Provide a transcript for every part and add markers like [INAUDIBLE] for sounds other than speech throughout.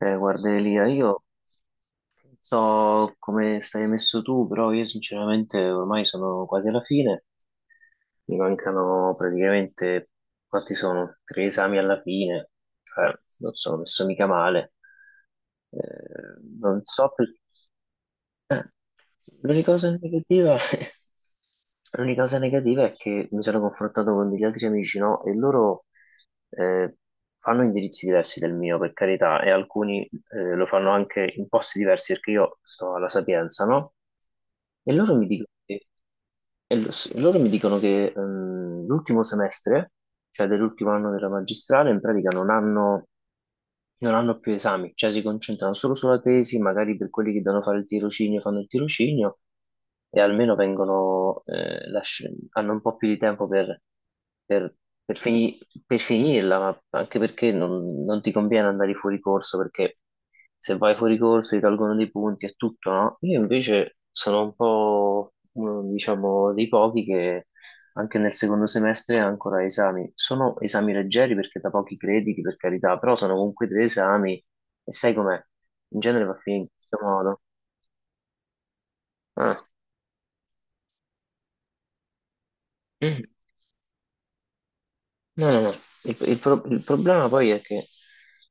Guardelia, io non so come stai messo tu, però io sinceramente ormai sono quasi alla fine, mi mancano praticamente, quanti sono? Tre esami alla fine, cioè non sono messo mica male. Non so più. Eh, l'unica cosa negativa. [LAUGHS] L'unica cosa negativa è che mi sono confrontato con degli altri amici, no? E loro eh, fanno indirizzi diversi del mio, per carità, e alcuni lo fanno anche in posti diversi perché io sto alla Sapienza, no? E loro mi dicono che, loro mi dicono che l'ultimo semestre, cioè dell'ultimo anno della magistrale, in pratica non hanno più esami, cioè si concentrano solo sulla tesi, magari per quelli che devono fare il tirocinio fanno il tirocinio e almeno vengono, hanno un po' più di tempo per- per fini- per finirla, ma anche perché non ti conviene andare fuori corso, perché se vai fuori corso ti tolgono dei punti e tutto, no? Io invece sono un po', uno, diciamo, dei pochi che anche nel secondo semestre ha ancora esami. Sono esami leggeri perché da pochi crediti, per carità, però sono comunque due esami e sai com'è? In genere va finito in questo modo. Ah. No, no, no. Il il problema poi è che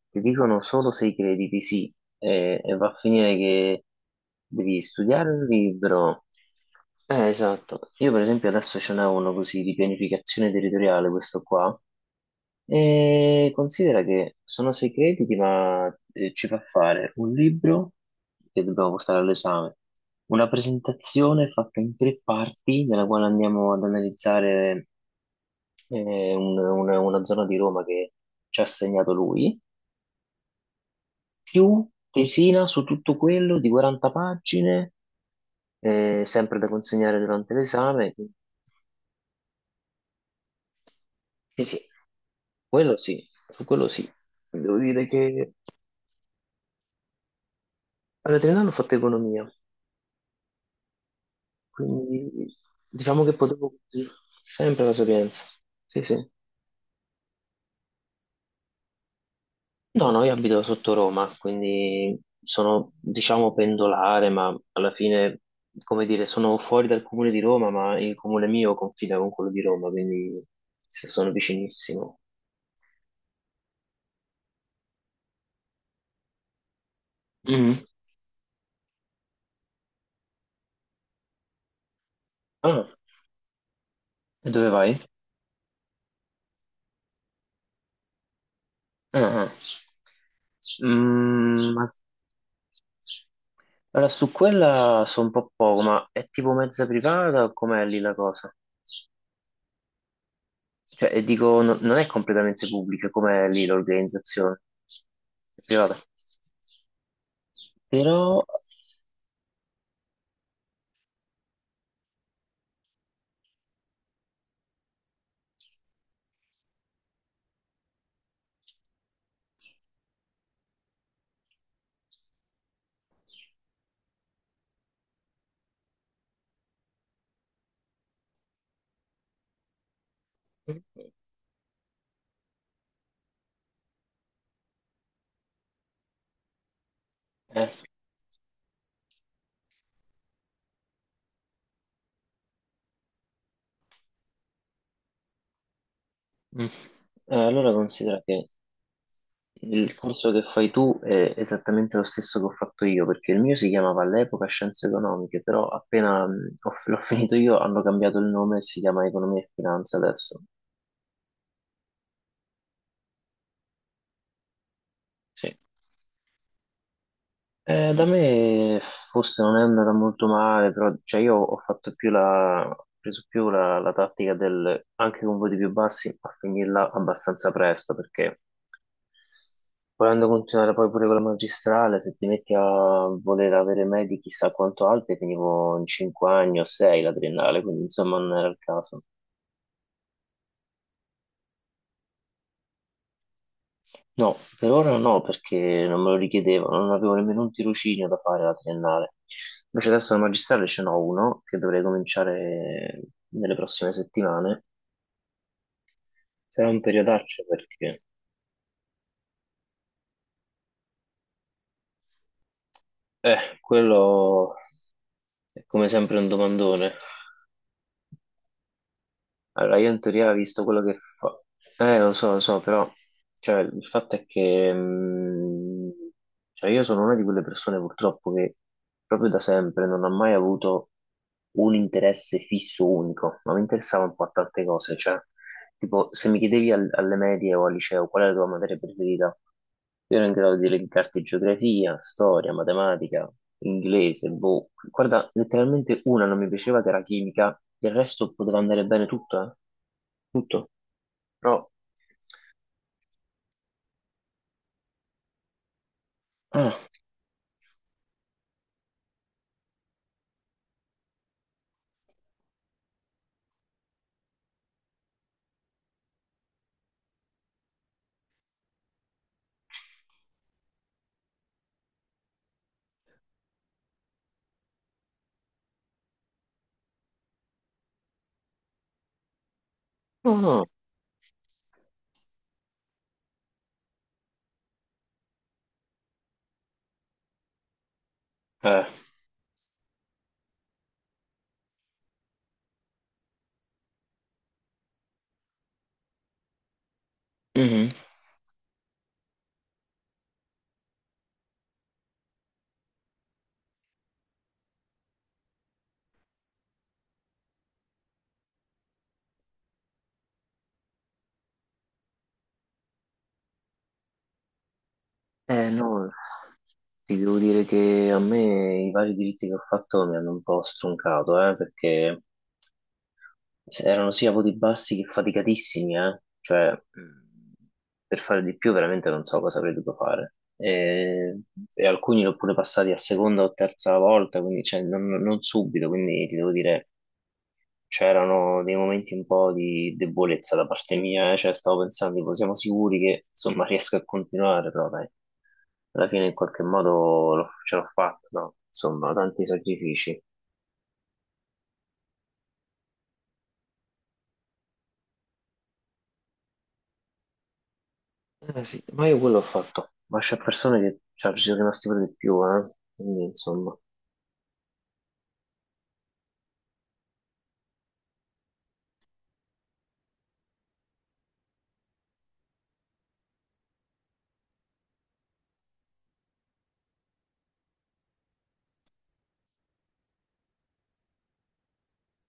ti dicono solo se i crediti, sì, e va a finire che devi studiare un libro. Esatto. Io per esempio adesso ce n'è uno così di pianificazione territoriale, questo qua. E considera che sono sei crediti, ma ci fa fare un libro che dobbiamo portare all'esame, una presentazione fatta in tre parti, nella quale andiamo ad analizzare una zona di Roma che ci ha assegnato lui, più tesina su tutto quello di 40 pagine, sempre da consegnare durante l'esame. Sì, sì, quello sì, su quello sì. Devo dire che Ad Adriano ho fatto economia, quindi diciamo che potevo sempre la Sapienza. Sì, sì. No, no, io abito sotto Roma, quindi sono, diciamo, pendolare, ma alla fine, come dire, sono fuori dal comune di Roma, ma il comune mio confina con quello di Roma, quindi sì, sono vicinissimo. Mhm. Ah, e dove vai? Ah, mm, ma s- allora su quella so un po' poco, ma è tipo mezza privata o com'è lì la cosa? Cioè, e dico, non è completamente pubblica, com'è lì l'organizzazione? È privata. Però, eh, mm, allora considera che il corso che fai tu è esattamente lo stesso che ho fatto io, perché il mio si chiamava all'epoca Scienze Economiche, però appena l'ho finito io hanno cambiato il nome e si chiama Economia e Finanza adesso. Sì. Da me forse non è andata molto male, però cioè, io ho preso più la tattica del anche con voti più bassi a finirla abbastanza presto, perché volendo continuare poi pure con la magistrale, se ti metti a voler avere medie chissà quanto alte, finivo in 5 anni o 6 la triennale, quindi insomma non era il caso. No, per ora no, perché non me lo richiedevano, non avevo nemmeno un tirocinio da fare alla triennale. Invece adesso al magistrale ce n'ho uno che dovrei cominciare nelle prossime settimane. Sarà un periodaccio perché, quello è come sempre un domandone. Allora, io in teoria ho visto quello che fa. Lo so, però cioè, il fatto è che cioè, io sono una di quelle persone purtroppo che proprio da sempre non ha mai avuto un interesse fisso unico, ma mi interessava un po' a tante cose, cioè tipo, se mi chiedevi alle medie o al liceo qual è la tua materia preferita, io ero in grado di elencarti geografia, storia, matematica, inglese, boh. Guarda, letteralmente una non mi piaceva che era chimica, il resto poteva andare bene tutto, eh? Tutto. Però. Ah, no, no. Eh, mhm. No, ti devo dire che a me i vari diritti che ho fatto mi hanno un po' stroncato, perché. Erano sia voti bassi che faticatissimi, eh. Cioè, per fare di più veramente non so cosa avrei dovuto fare. E, alcuni l'ho pure passati a seconda o terza volta, quindi cioè, non subito, quindi ti devo dire, c'erano dei momenti un po' di debolezza da parte mia, eh. Cioè, stavo pensando, tipo, siamo sicuri che insomma riesco a continuare, però dai, alla fine in qualche modo ce l'ho fatta, no? Insomma, tanti sacrifici. Sì, ma io quello ho fatto, ma c'è persone che cioè, ci sono rimasti per di più, eh? Quindi insomma.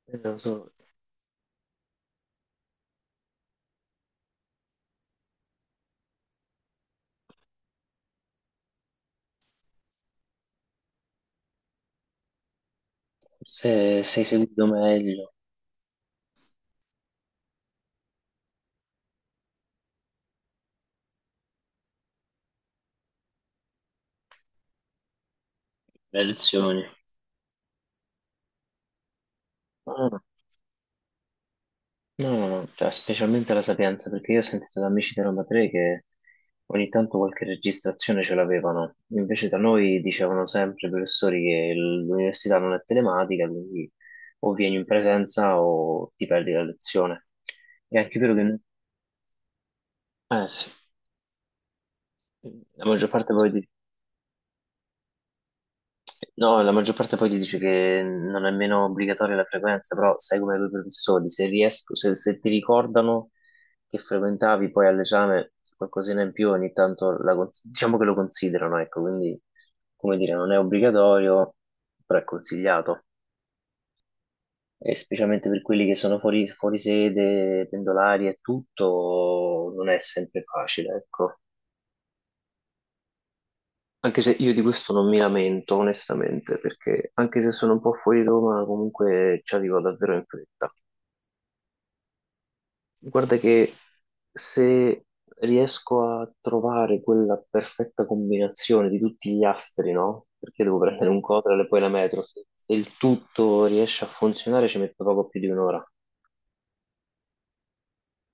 Lo so. Forse sei seguito meglio le lezioni. No, no, no, no, cioè, specialmente la Sapienza, perché io ho sentito da amici di Roma Tre che ogni tanto qualche registrazione ce l'avevano, invece da noi dicevano sempre i professori che l'università non è telematica, quindi o vieni in presenza o ti perdi la lezione. E anche vero che. Eh sì, la maggior parte poi, di. No, la maggior parte poi ti dice che non è nemmeno obbligatoria la frequenza, però sai come i professori, se riesco, se ti ricordano che frequentavi poi all'esame qualcosina in più, ogni tanto diciamo che lo considerano, ecco, quindi come dire, non è obbligatorio, però è consigliato. E specialmente per quelli che sono fuori sede, pendolari e tutto, non è sempre facile, ecco. Anche se io di questo non mi lamento, onestamente, perché anche se sono un po' fuori Roma, comunque ci arrivo davvero in fretta. Guarda che se riesco a trovare quella perfetta combinazione di tutti gli astri, no? Perché devo prendere un Cotral e poi la metro, se il tutto riesce a funzionare ci metto poco più di un'ora.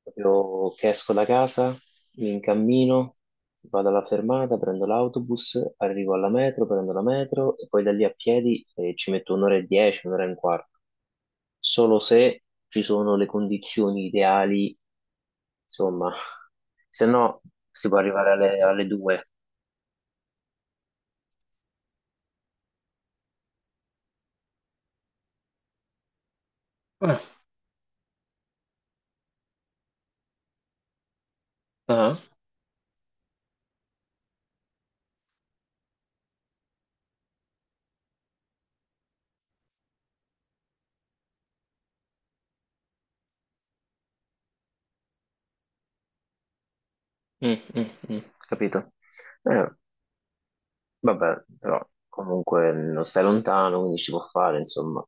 Proprio che esco da casa, mi incammino, vado alla fermata, prendo l'autobus, arrivo alla metro, prendo la metro e poi da lì a piedi ci metto un'ora e dieci, un'ora e un quarto. Solo se ci sono le condizioni ideali, insomma, [LAUGHS] se no si può arrivare alle due. Eh, Ah, mm, mm, mm, capito. Eh, vabbè, però comunque non stai lontano, quindi si può fare, insomma.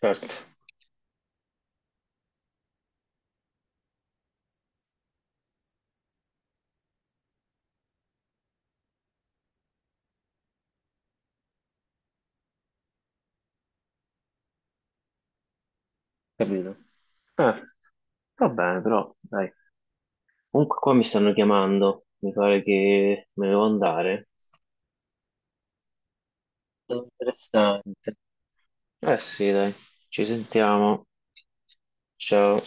Certo. Capito? Eh, va bene, però, dai. Comunque qua mi stanno chiamando, mi pare che me ne devo andare. È stato interessante. Eh sì, dai, ci sentiamo. Ciao.